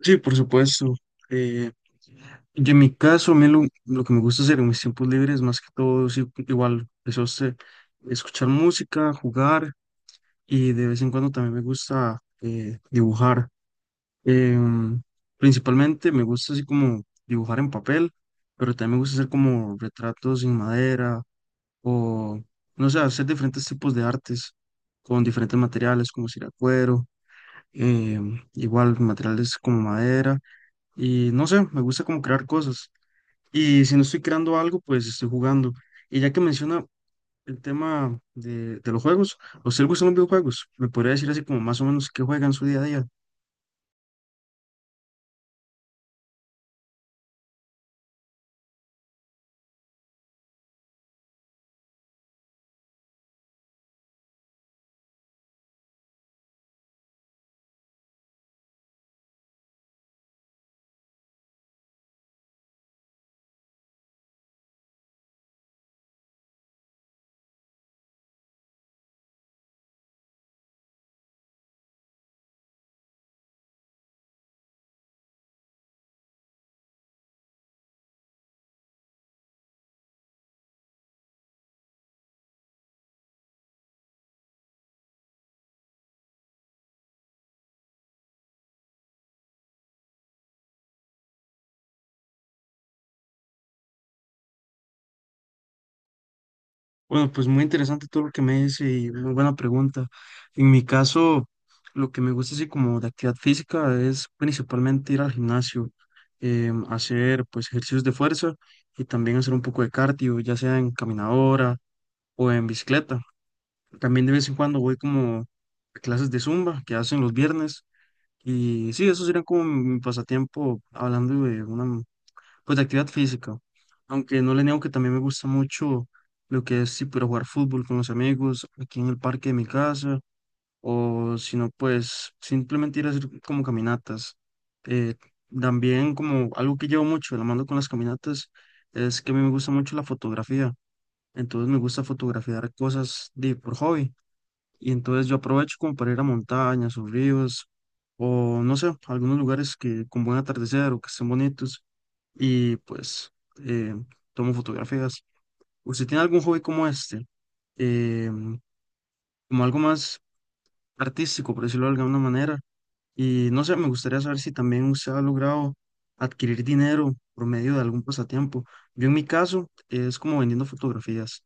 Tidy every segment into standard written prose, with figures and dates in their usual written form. Sí, por supuesto. Eh, yo en mi caso, a mí lo que me gusta hacer en mis tiempos libres, más que todo, sí, igual, eso es escuchar música, jugar y de vez en cuando también me gusta dibujar. Em, Principalmente me gusta así como dibujar en papel, pero también me gusta hacer como retratos en madera o, no sé, hacer diferentes tipos de artes con diferentes materiales como ciracuero, igual materiales como madera. Y no sé, me gusta como crear cosas. Y si no estoy creando algo, pues estoy jugando. Y ya que menciona el tema de los juegos, ¿a usted le gustan los videojuegos? ¿Me podría decir así como más o menos qué juega en su día a día? Bueno, pues muy interesante todo lo que me dice y muy buena pregunta. En mi caso, lo que me gusta así como de actividad física es principalmente ir al gimnasio, hacer pues ejercicios de fuerza y también hacer un poco de cardio, ya sea en caminadora o en bicicleta. También de vez en cuando voy como a clases de Zumba que hacen los viernes. Y sí, eso sería como mi pasatiempo hablando de una, pues de actividad física. Aunque no le niego que también me gusta mucho lo que es, sí, pero jugar fútbol con los amigos aquí en el parque de mi casa. O si no, pues simplemente ir a hacer como caminatas. Eh, También como algo que llevo mucho de la mano con las caminatas es que a mí me gusta mucho la fotografía. Entonces me gusta fotografiar cosas de, por hobby. Y entonces yo aprovecho como para ir a montañas o ríos o no sé, algunos lugares que con buen atardecer o que estén bonitos y pues eh, tomo fotografías. ¿Usted tiene algún hobby como este? Eh, Como algo más artístico, por decirlo de alguna manera. Y no sé, me gustaría saber si también usted ha logrado adquirir dinero por medio de algún pasatiempo. Yo en mi caso es como vendiendo fotografías.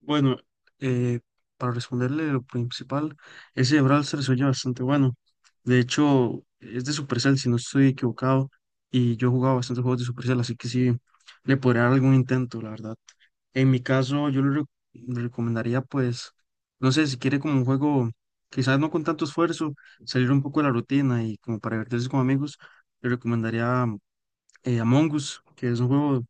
Bueno, eh, para responderle lo principal, ese de Brawlster se oye bastante bueno. De hecho, es de Supercell, si no estoy equivocado, y yo he jugado bastantes juegos de Supercell, así que sí, le podría dar algún intento, la verdad. En mi caso, le recomendaría, pues, no sé, si quiere como un juego, quizás no con tanto esfuerzo, salir un poco de la rutina y como para divertirse con amigos, le recomendaría Among Us, que es un juego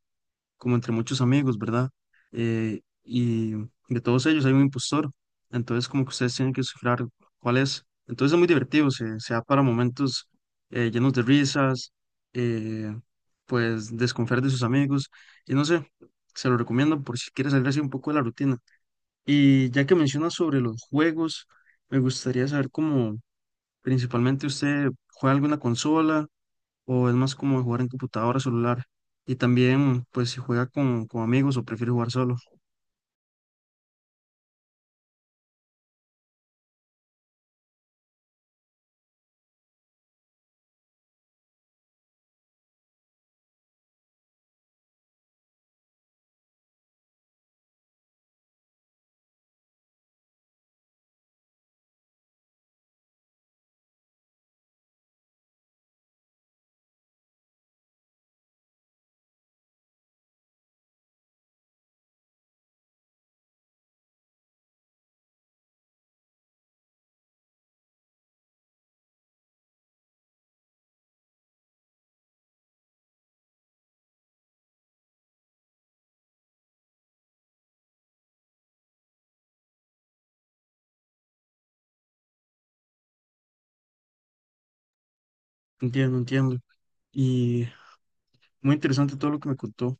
como entre muchos amigos, ¿verdad? Y de todos ellos hay un impostor, entonces como que ustedes tienen que descifrar cuál es. Entonces es muy divertido, se da para momentos llenos de risas, eh, pues desconfiar de sus amigos, y no sé, se lo recomiendo por si quieres salir así un poco de la rutina. Y ya que mencionas sobre los juegos, me gustaría saber cómo principalmente usted juega alguna consola o es más como jugar en computadora, celular. Y también, pues, si juega con amigos o prefiere jugar solo. Entiendo, entiendo. Y muy interesante todo lo que me contó.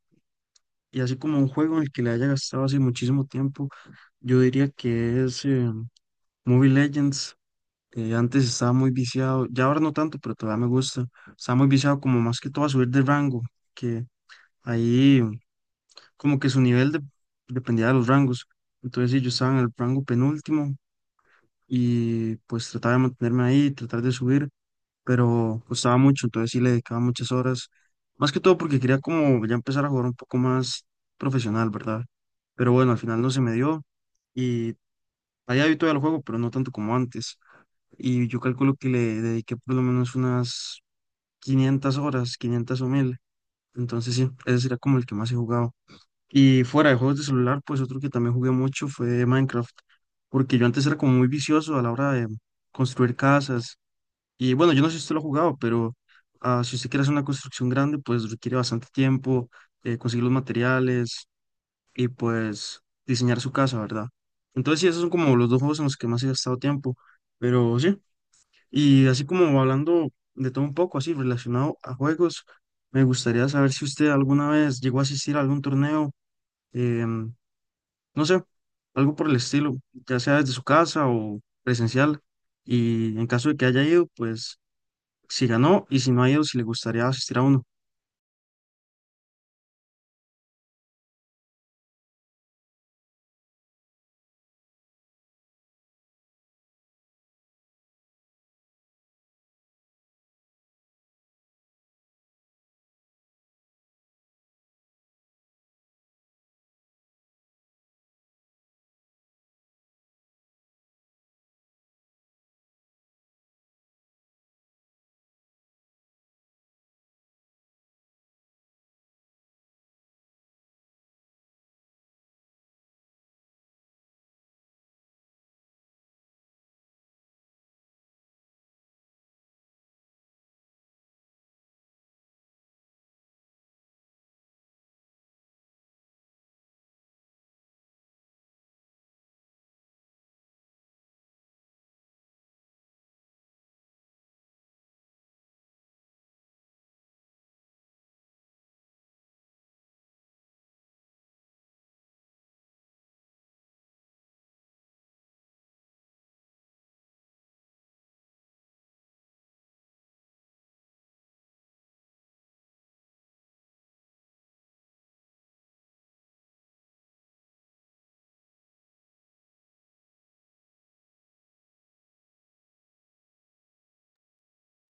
Y así como un juego en el que le haya gastado así muchísimo tiempo, yo diría que es Mobile Legends. Antes estaba muy viciado, ya ahora no tanto, pero todavía me gusta. Estaba muy viciado como más que todo a subir de rango, que ahí como que dependía de los rangos. Entonces sí, yo estaba en el rango penúltimo y pues trataba de mantenerme ahí, tratar de subir, pero costaba mucho, entonces sí le dedicaba muchas horas, más que todo porque quería como ya empezar a jugar un poco más profesional, ¿verdad? Pero bueno, al final no se me dio y allá vi todavía el juego, pero no tanto como antes. Y yo calculo que le dediqué por lo menos unas 500 horas, 500 o 1000. Entonces sí, ese sería como el que más he jugado. Y fuera de juegos de celular, pues otro que también jugué mucho fue Minecraft, porque yo antes era como muy vicioso a la hora de construir casas y bueno, yo no sé si usted lo ha jugado, pero ah, si usted quiere hacer una construcción grande, pues requiere bastante tiempo, conseguir los materiales y pues diseñar su casa, ¿verdad? Entonces, sí, esos son como los dos juegos en los que más he gastado tiempo, pero sí. Y así como hablando de todo un poco, así relacionado a juegos, me gustaría saber si usted alguna vez llegó a asistir a algún torneo, em, no sé, algo por el estilo, ya sea desde su casa o presencial. Y en caso de que haya ido, pues si ganó y si no ha ido, si le gustaría asistir a uno.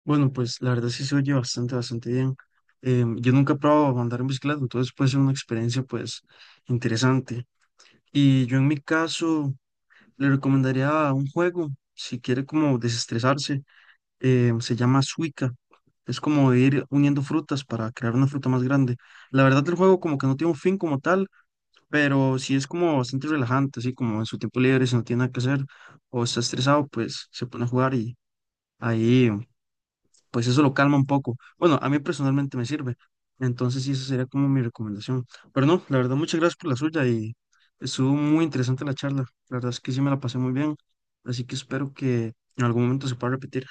Bueno, pues la verdad sí se oye bastante, bastante bien. Yo nunca he probado andar en bicicleta, entonces puede ser una experiencia pues interesante. Y yo en mi caso le recomendaría un juego, si quiere como desestresarse, se llama Suica. Es como ir uniendo frutas para crear una fruta más grande. La verdad el juego como que no tiene un fin como tal, pero sí es como bastante relajante, así como en su tiempo libre, si no tiene nada que hacer o está estresado, pues se pone a jugar ahí, pues eso lo calma un poco. Bueno, a mí personalmente me sirve. Entonces, sí, esa sería como mi recomendación. Pero no, la verdad, muchas gracias por la suya y estuvo muy interesante la charla. La verdad es que sí me la pasé muy bien. Así que espero que en algún momento se pueda repetir.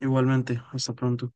Igualmente, hasta pronto.